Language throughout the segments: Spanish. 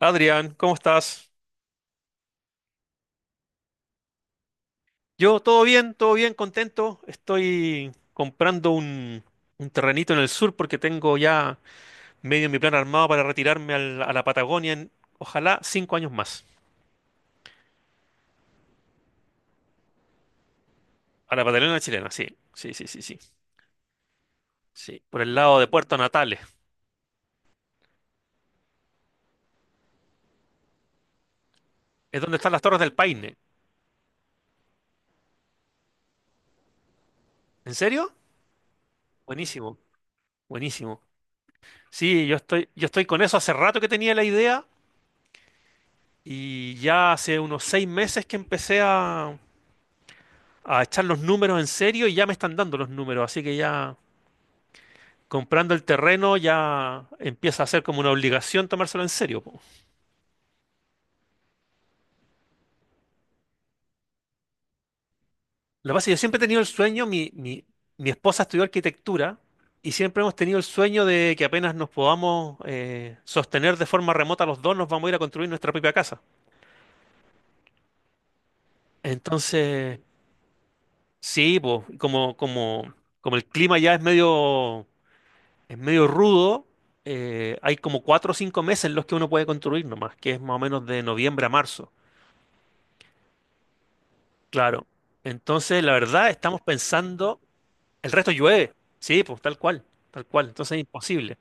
Adrián, ¿cómo estás? Yo, todo bien, contento. Estoy comprando un terrenito en el sur porque tengo ya medio mi plan armado para retirarme a la Patagonia en, ojalá, cinco años más. A la Patagonia chilena, sí, sí, sí, sí, sí. Sí, por el lado de Puerto Natales. Es donde están las Torres del Paine. ¿En serio? Buenísimo, buenísimo. Sí, yo estoy con eso. Hace rato que tenía la idea y ya hace unos 6 meses que empecé a echar los números en serio y ya me están dando los números, así que ya comprando el terreno ya empieza a ser como una obligación tomárselo en serio. Po. Lo que pasa es que yo siempre he tenido el sueño, mi esposa estudió arquitectura y siempre hemos tenido el sueño de que apenas nos podamos sostener de forma remota los dos, nos vamos a ir a construir nuestra propia casa. Entonces, sí, po, como el clima ya es medio. Es medio rudo. Hay como cuatro o cinco meses en los que uno puede construir nomás, que es más o menos de noviembre a marzo. Claro. Entonces, la verdad, estamos pensando, el resto llueve. Sí, pues tal cual, tal cual. Entonces es imposible.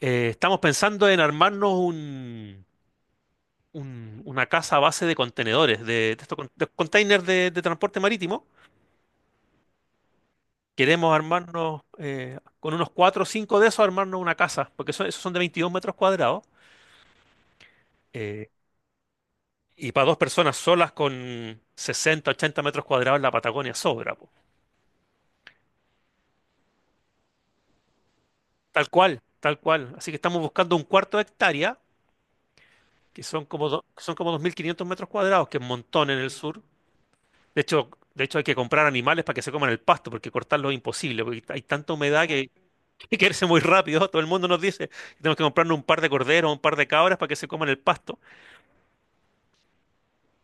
Estamos pensando en armarnos una casa a base de contenedores, de estos de containers de transporte marítimo. Queremos armarnos con unos cuatro o cinco de esos, armarnos una casa, porque esos son de 22 metros cuadrados. Eh, Y para dos personas solas con 60 80 metros cuadrados en la Patagonia sobra, po. Tal cual, tal cual. Así que estamos buscando un cuarto de hectárea, que son como, son como 2500 metros cuadrados, que es un montón en el sur. De hecho, hay que comprar animales para que se coman el pasto, porque cortarlo es imposible, porque hay tanta humedad que que crece muy rápido. Todo el mundo nos dice que tenemos que comprarnos un par de corderos, un par de cabras para que se coman el pasto.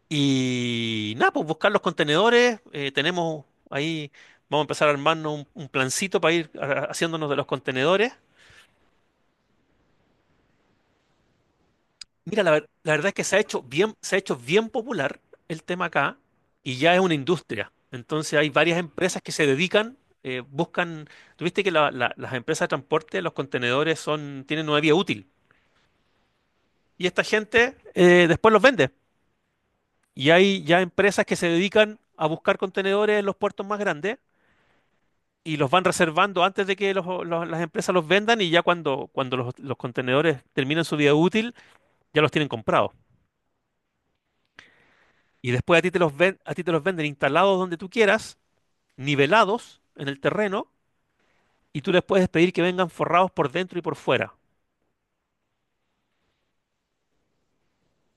Y nada, pues buscar los contenedores. Tenemos ahí, vamos a empezar a armarnos un plancito para ir haciéndonos de los contenedores. Mira, la verdad es que se ha hecho bien, se ha hecho bien popular el tema acá y ya es una industria. Entonces hay varias empresas que se dedican, buscan, tuviste que las empresas de transporte, los contenedores son, tienen una vía útil y esta gente después los vende. Y hay ya empresas que se dedican a buscar contenedores en los puertos más grandes y los van reservando antes de que las empresas los vendan y ya cuando los contenedores terminan su vida útil, ya los tienen comprados. Y después a ti te los ven, a ti te los venden instalados donde tú quieras, nivelados en el terreno, y tú les puedes pedir que vengan forrados por dentro y por fuera.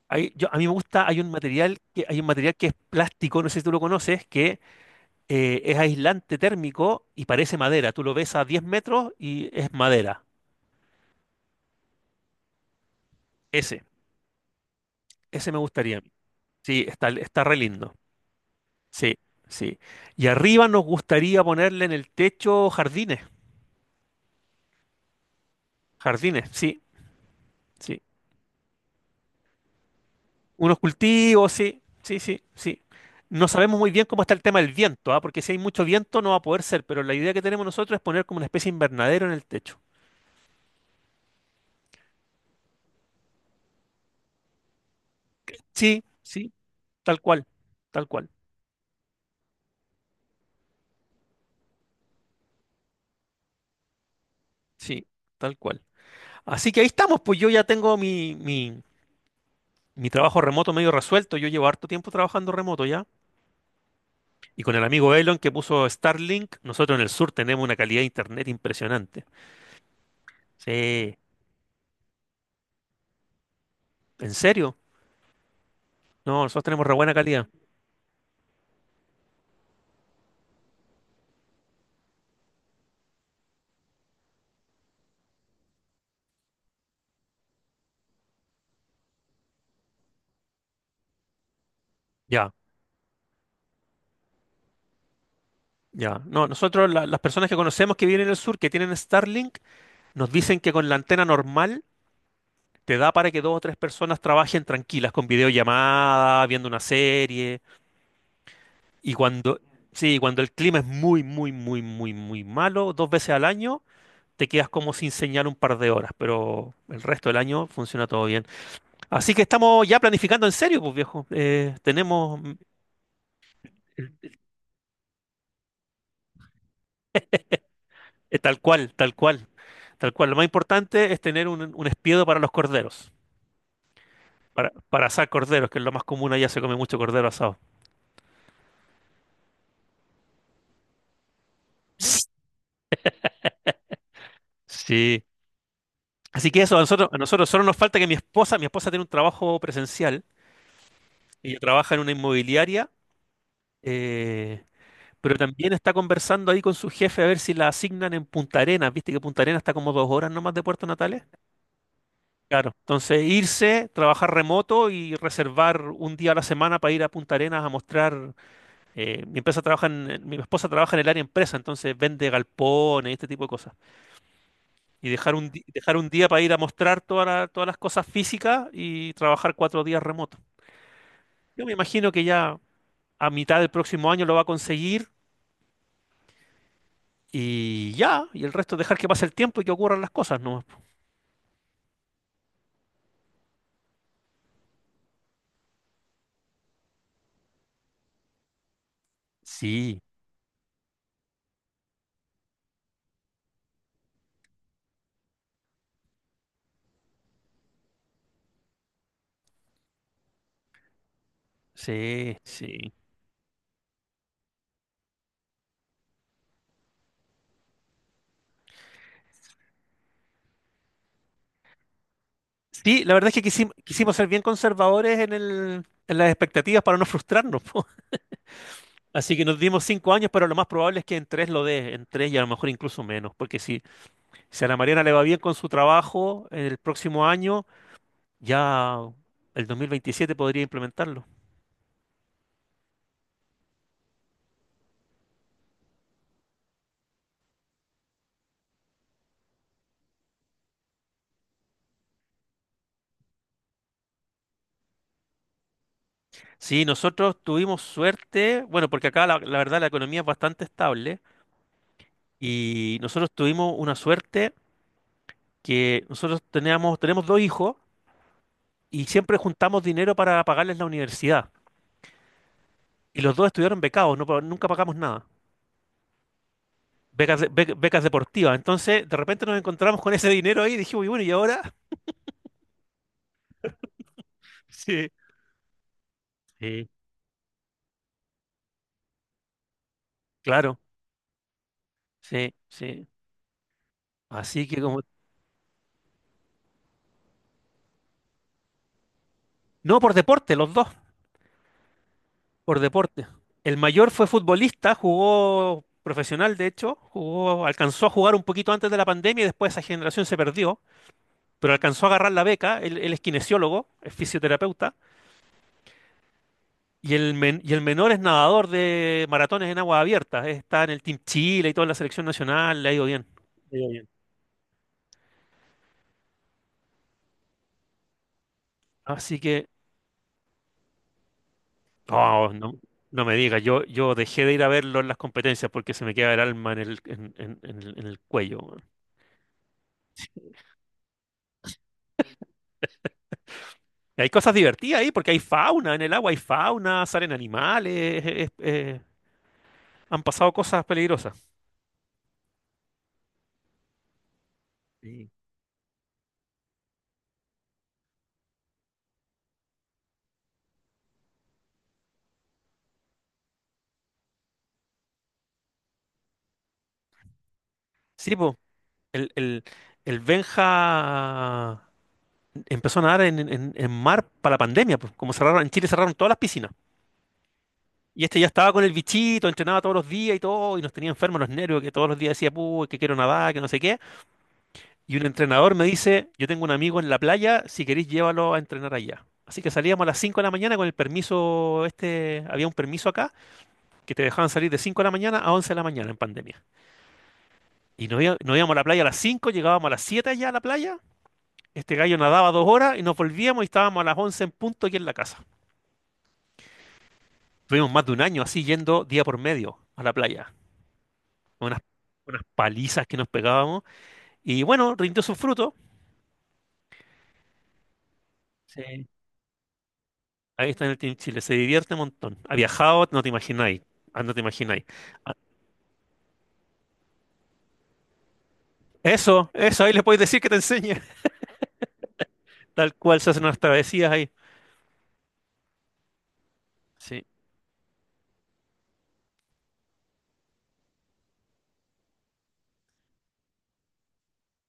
Ahí yo, a mí me gusta, hay un material que es plástico, no sé si tú lo conoces, que es aislante térmico y parece madera. Tú lo ves a 10 metros y es madera. Ese, ese me gustaría a mí. Sí, está, está re lindo. Sí, sí. Y arriba nos gustaría ponerle en el techo jardines, jardines, sí, sí. Unos cultivos, sí, sí, sí, sí. No sabemos muy bien cómo está el tema del viento, ¿ah? Porque si hay mucho viento no va a poder ser, pero la idea que tenemos nosotros es poner como una especie de invernadero en el techo. Sí, sí, tal cual, tal cual, sí, tal cual. Así que ahí estamos, pues yo ya tengo mi trabajo remoto medio resuelto, yo llevo harto tiempo trabajando remoto ya. Y con el amigo Elon que puso Starlink, nosotros en el sur tenemos una calidad de internet impresionante. Sí, ¿en serio? No, nosotros tenemos re buena calidad. Ya, ya. No, nosotros, las personas que conocemos que viven en el sur, que tienen Starlink, nos dicen que con la antena normal te da para que dos o tres personas trabajen tranquilas con videollamada, viendo una serie. Y cuando, sí, cuando el clima es muy, muy, muy, muy, muy malo, dos veces al año, te quedas como sin señal un par de horas, pero el resto del año funciona todo bien. Así que estamos ya planificando en serio, pues viejo. Tal cual, tal cual, tal cual. Lo más importante es tener un espiedo para los corderos, para asar corderos, que es lo más común allá, se come mucho cordero asado. Sí. Así que eso, a nosotros solo nos falta que mi esposa tiene un trabajo presencial, ella trabaja en una inmobiliaria, eh, pero también está conversando ahí con su jefe a ver si la asignan en Punta Arenas. Viste que Punta Arenas está como 2 horas nomás de Puerto Natales. Claro, entonces irse, trabajar remoto y reservar un día a la semana para ir a Punta Arenas a mostrar. Mi empresa trabaja en- mi esposa trabaja en el área empresa, entonces vende galpones y este tipo de cosas. Y dejar dejar un día para ir a mostrar todas las cosas físicas y trabajar cuatro días remoto. Yo me imagino que ya a mitad del próximo año lo va a conseguir y ya, y el resto dejar que pase el tiempo y que ocurran las cosas, ¿no? Sí, sí, sí. Sí, la verdad es que quisimos ser bien conservadores en el, en las expectativas para no frustrarnos, po. Así que nos dimos cinco años, pero lo más probable es que en tres lo dé, en tres y a lo mejor incluso menos, porque si, si a la Mariana le va bien con su trabajo el próximo año, ya el 2027 podría implementarlo. Sí, nosotros tuvimos suerte, bueno, porque acá la verdad la economía es bastante estable y nosotros tuvimos una suerte que nosotros teníamos, tenemos dos hijos y siempre juntamos dinero para pagarles la universidad. Y los dos estuvieron becados, no, nunca pagamos nada. Becas, becas deportivas. Entonces, de repente nos encontramos con ese dinero ahí y dijimos, y bueno, ¿y ahora? Sí. Sí, claro. Sí, sí. Así que como... No, por deporte, los dos, por deporte. El mayor fue futbolista, jugó profesional, de hecho, jugó, alcanzó a jugar un poquito antes de la pandemia y después esa generación se perdió, pero alcanzó a agarrar la beca. Él es kinesiólogo, es fisioterapeuta. Y el menor es nadador de maratones en aguas abiertas. Está en el Team Chile y toda la selección nacional. Le ha ido bien. Le ha ido bien. Así que, oh, no, no me digas. Yo dejé de ir a verlo en las competencias porque se me queda el alma en el cuello. Weón. Y hay cosas divertidas ahí porque hay fauna en el agua, hay fauna, salen animales. Han pasado cosas peligrosas. Sí. Sí, po. El, el, el Benja. Empezó a nadar en mar para la pandemia, pues, como cerraron, en Chile cerraron todas las piscinas. Y este ya estaba con el bichito, entrenaba todos los días y todo, y nos tenía enfermos los nervios, que todos los días decía, puh, que quiero nadar, que no sé qué. Y un entrenador me dice, yo tengo un amigo en la playa, si queréis llévalo a entrenar allá. Así que salíamos a las 5 de la mañana con el permiso, este, había un permiso acá, que te dejaban salir de 5 de la mañana a 11 de la mañana en pandemia. Y nos, nos íbamos a la playa a las 5 llegábamos a las 7 allá a la playa, este gallo nadaba 2 horas y nos volvíamos y estábamos a las 11 en punto aquí en la casa. Tuvimos más de un año así yendo día por medio a la playa. Unas, unas palizas que nos pegábamos. Y bueno, rindió sus frutos. Sí. Ahí está en el Team Chile. Se divierte un montón. Ha viajado, no te imagináis. Ah, no te imagináis. Ah, eso, ahí le podéis decir que te enseñe. Tal cual se hacen unas travesías ahí. Sí.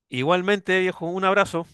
Igualmente, viejo, un abrazo.